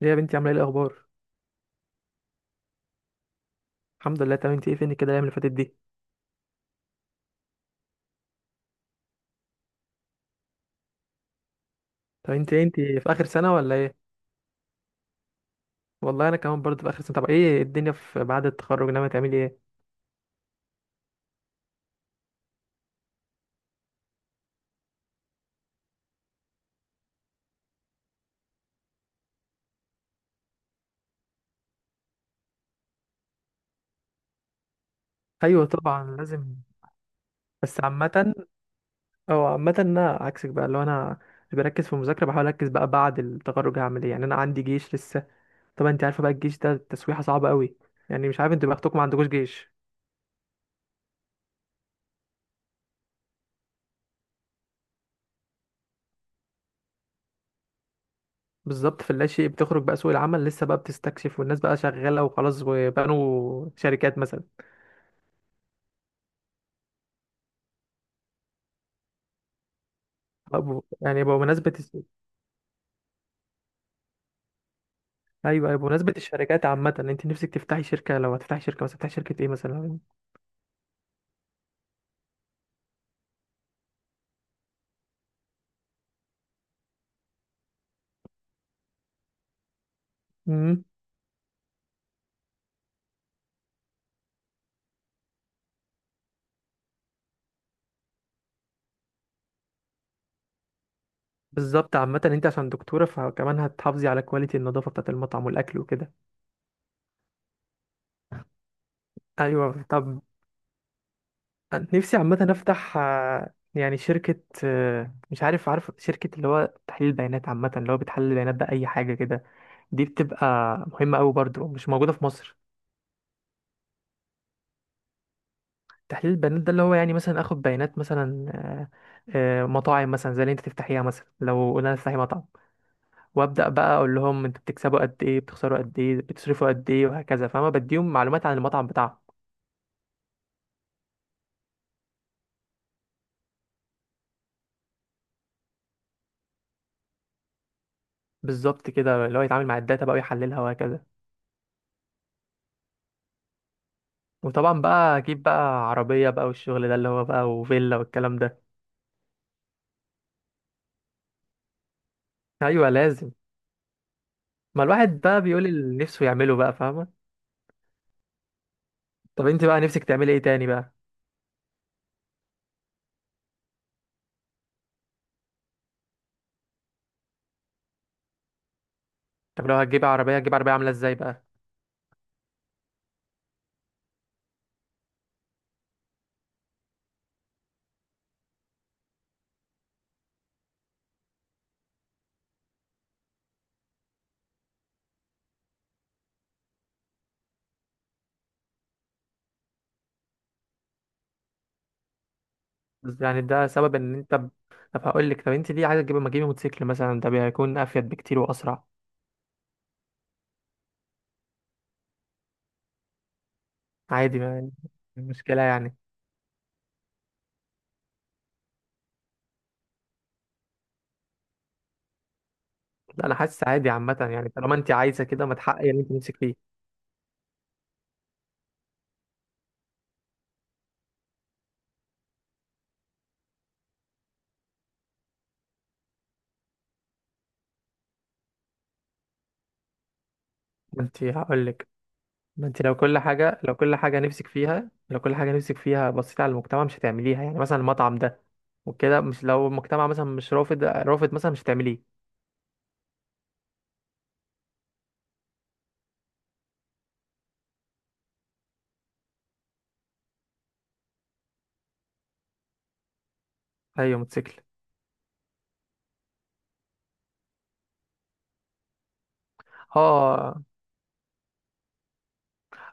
ليه يا بنتي، عامله ايه؟ الاخبار؟ الحمد لله تمام. انت ايه؟ فين كده الايام اللي فاتت دي؟ طب انت ايه، انت في اخر سنه ولا ايه؟ والله انا كمان برضه في اخر سنه. طب ايه الدنيا في بعد التخرج؟ ناويه تعملي ايه؟ ايوه طبعا لازم. بس عامه او عامه انا عكسك بقى، لو انا اللي بركز في المذاكره بحاول اركز بقى بعد التخرج هعمل ايه. يعني انا عندي جيش لسه. طبعا انت عارفه بقى الجيش ده تسويحه صعبه قوي. يعني مش عارف، انتوا بختكم ما عندكوش جيش. بالظبط، في اللاشيء بتخرج بقى، سوق العمل لسه بقى بتستكشف، والناس بقى شغاله وخلاص وبنوا شركات مثلا. يعني بمناسبة، ايوه ايوه، بمناسبه الشركات عامه انت نفسك تفتحي شركه؟ لو هتفتحي شركه، بس هتفتحي شركه ايه مثلا؟ امم. بالظبط، عامه انت عشان دكتوره فكمان هتحافظي على كواليتي النظافه بتاعه المطعم والاكل وكده. ايوه. طب نفسي عامه افتح، يعني شركه، مش عارف شركه اللي هو تحليل بيانات عامه، اللي هو بتحلل البيانات باي حاجه كده. دي بتبقى مهمه قوي برضو، مش موجوده في مصر. تحليل البيانات ده اللي هو يعني مثلا اخد بيانات مثلا، مطاعم مثلا زي اللي انت تفتحيها، مثلا لو قلنا تفتحي مطعم، وابدا بقى اقول لهم انتوا بتكسبوا قد ايه، بتخسروا قد ايه، بتصرفوا قد ايه، وهكذا، فاهمه؟ بديهم معلومات عن المطعم بتاعهم. بالظبط كده، اللي هو يتعامل مع الداتا بقى ويحللها وهكذا. وطبعا بقى اجيب بقى عربيه بقى، والشغل ده اللي هو بقى، وفيلا والكلام ده. ايوه لازم، ما الواحد بقى بيقول اللي نفسه يعمله بقى، فاهمه؟ طب انت بقى نفسك تعملي ايه تاني بقى؟ طب لو هتجيبي عربيه، هتجيب عربيه عامله ازاي بقى؟ بس يعني ده سبب ان انت. طب هقول لك، طب انت ليه عايزه تجيبي؟ ما تجيبي موتوسيكل مثلا، ده بيكون افيد بكتير واسرع. عادي، ما مش مشكله يعني. لا انا حاسس عادي عامه، يعني طالما انت عايزه كده ما تحققي اللي انت نفسك فيه. ما انت هقول لك، ما انت لو كل حاجه، لو كل حاجه نفسك فيها، لو كل حاجه نفسك فيها بصيت على المجتمع مش هتعمليها، يعني مثلا المطعم ده وكده، مش لو المجتمع مثلا مش رافض رافض مثلا مش هتعمليه. ايوه موتوسيكل. اه،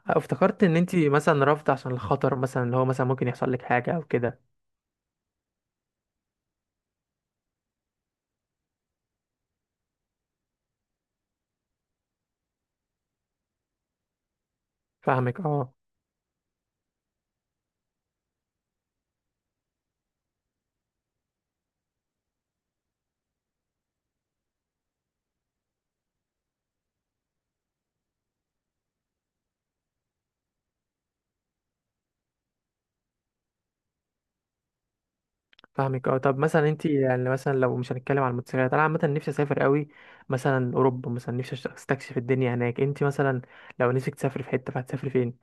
افتكرت ان انت مثلا رافضه عشان الخطر مثلا، اللي هو مثلا ممكن يحصل لك حاجه او كده. فاهمك اه. فاهمك اه. طب مثلا انت يعني مثلا لو مش هنتكلم عن الموتوسيكلات، انا عامه نفسي اسافر قوي، مثلا اوروبا مثلا، نفسي استكشف الدنيا هناك. انت مثلا لو نفسك تسافري في حته فهتسافري فين؟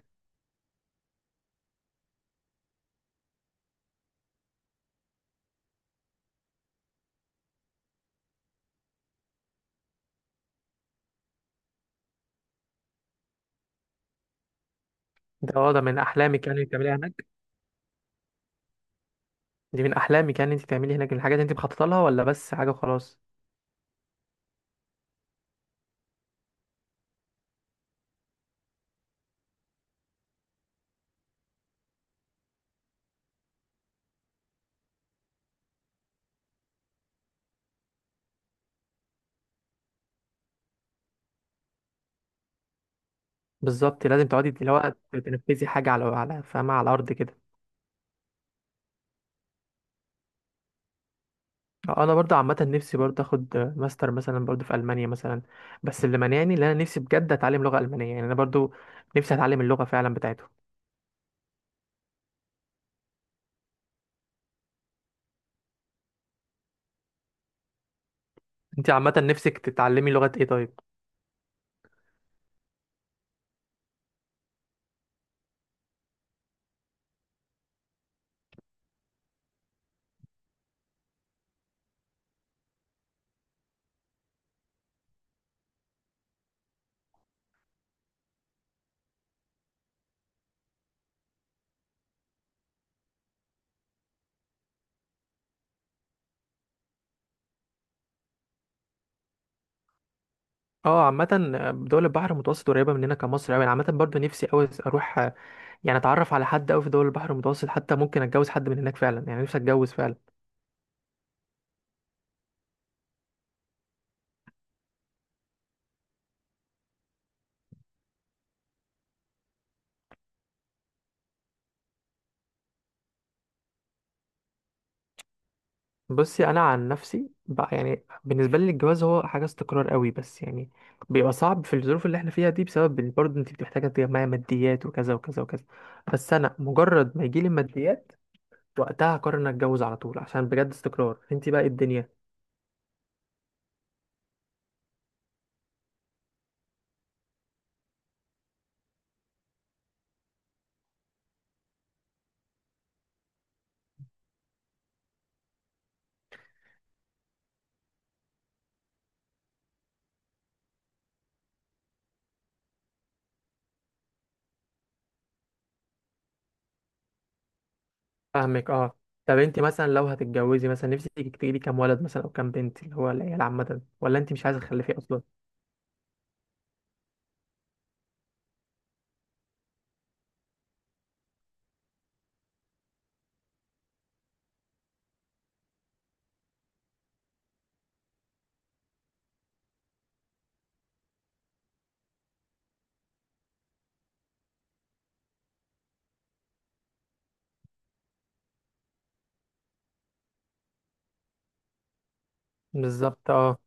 ده اه، ده من احلامك، يعني إنك تعمليها هناك؟ دي من احلامك يعني انت تعملي هناك، من الحاجات اللي انت مخططه لها ولا بس حاجه خلاص؟ بالظبط لازم تقعدي اللي هو تنفذي حاجه على فاهمه، على الارض كده. انا برضه عامه نفسي برضه اخد ماستر مثلا برضه في المانيا مثلا، بس اللي مانعني ان انا نفسي بجد اتعلم لغه المانيه. يعني انا برضه نفسي اتعلم اللغه فعلا بتاعتهم. انت عامة نفسك تتعلمي لغة ايه طيب؟ اه عامة، دول البحر المتوسط قريبة مننا كمصر اوي. انا عامة برضو نفسي اوي اروح، يعني اتعرف على حد اوي في دول البحر المتوسط، حتى ممكن اتجوز حد من هناك فعلا. يعني نفسي اتجوز فعلا. بصي، انا عن نفسي بقى يعني، بالنسبة لي الجواز هو حاجة استقرار اوي، بس يعني بيبقى صعب في الظروف اللي احنا فيها دي، بسبب إن برضو انت بتبقى محتاجة تجمعي ماديات، وكذا وكذا وكذا. بس انا مجرد ما يجيلي الماديات، وقتها هقرر ان اتجوز على طول، عشان بجد استقرار، انت بقى إيه الدنيا. فاهمك اه. طب انت مثلا لو هتتجوزي مثلا، نفسك تجيبي كام ولد مثلا او كام بنت، اللي هو العيال عامه، ولا انت مش عايزه تخلفي اصلا؟ بالظبط اه.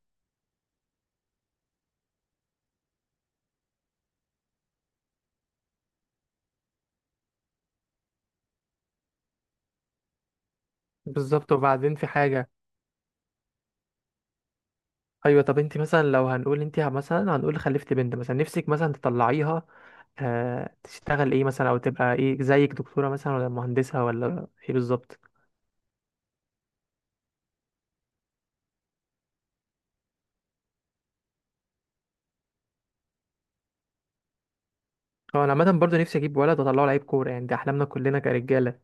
بالظبط، وبعدين في حاجه. ايوه. طب انت مثلا لو هنقول انت مثلا هنقول خلفت بنت مثلا، نفسك مثلا تطلعيها آه تشتغل ايه مثلا، او تبقى ايه زيك، دكتوره مثلا ولا مهندسه ولا ايه بالظبط؟ هو انا عامه برضه نفسي اجيب ولد واطلعه لعيب كوره، يعني دي احلامنا كلنا كرجاله.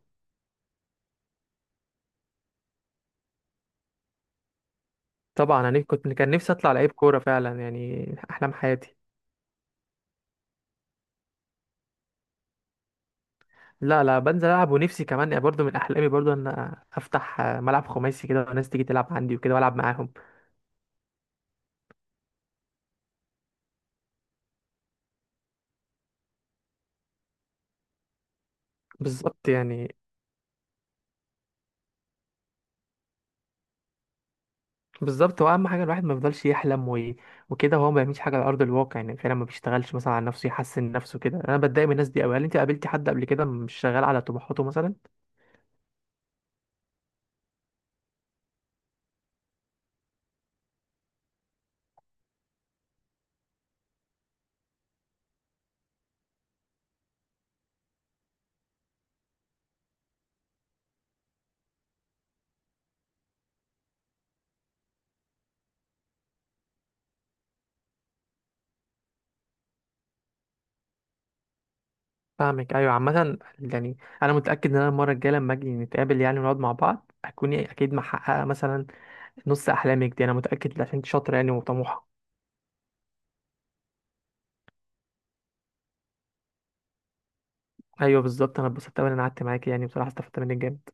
طبعا انا كنت، كان نفسي اطلع لعيب كوره فعلا، يعني احلام حياتي. لا لا، بنزل العب، ونفسي كمان يعني برضو من احلامي برضو ان افتح ملعب خماسي كده، وناس تيجي تلعب عندي وكده والعب معاهم. بالظبط يعني. بالظبط، هو اهم حاجه الواحد ما يفضلش يحلم وكده، وهو ما بيعملش حاجه على ارض الواقع، يعني فعلا ما بيشتغلش مثلا على نفسه يحسن نفسه كده. انا بتضايق من الناس دي قوي. هل انت قابلتي حد قبل كده مش شغال على طموحاته مثلا؟ فاهمك ايوه. عامه يعني، انا متاكد ان انا المره الجايه لما اجي نتقابل، يعني ونقعد مع بعض، هتكوني اكيد محققه مثلا نص احلامك دي، انا متاكد عشان انت شاطره يعني وطموحه. ايوه بالظبط، انا اتبسطت أوي ان انا قعدت معاك، يعني بصراحه استفدت منك جامد.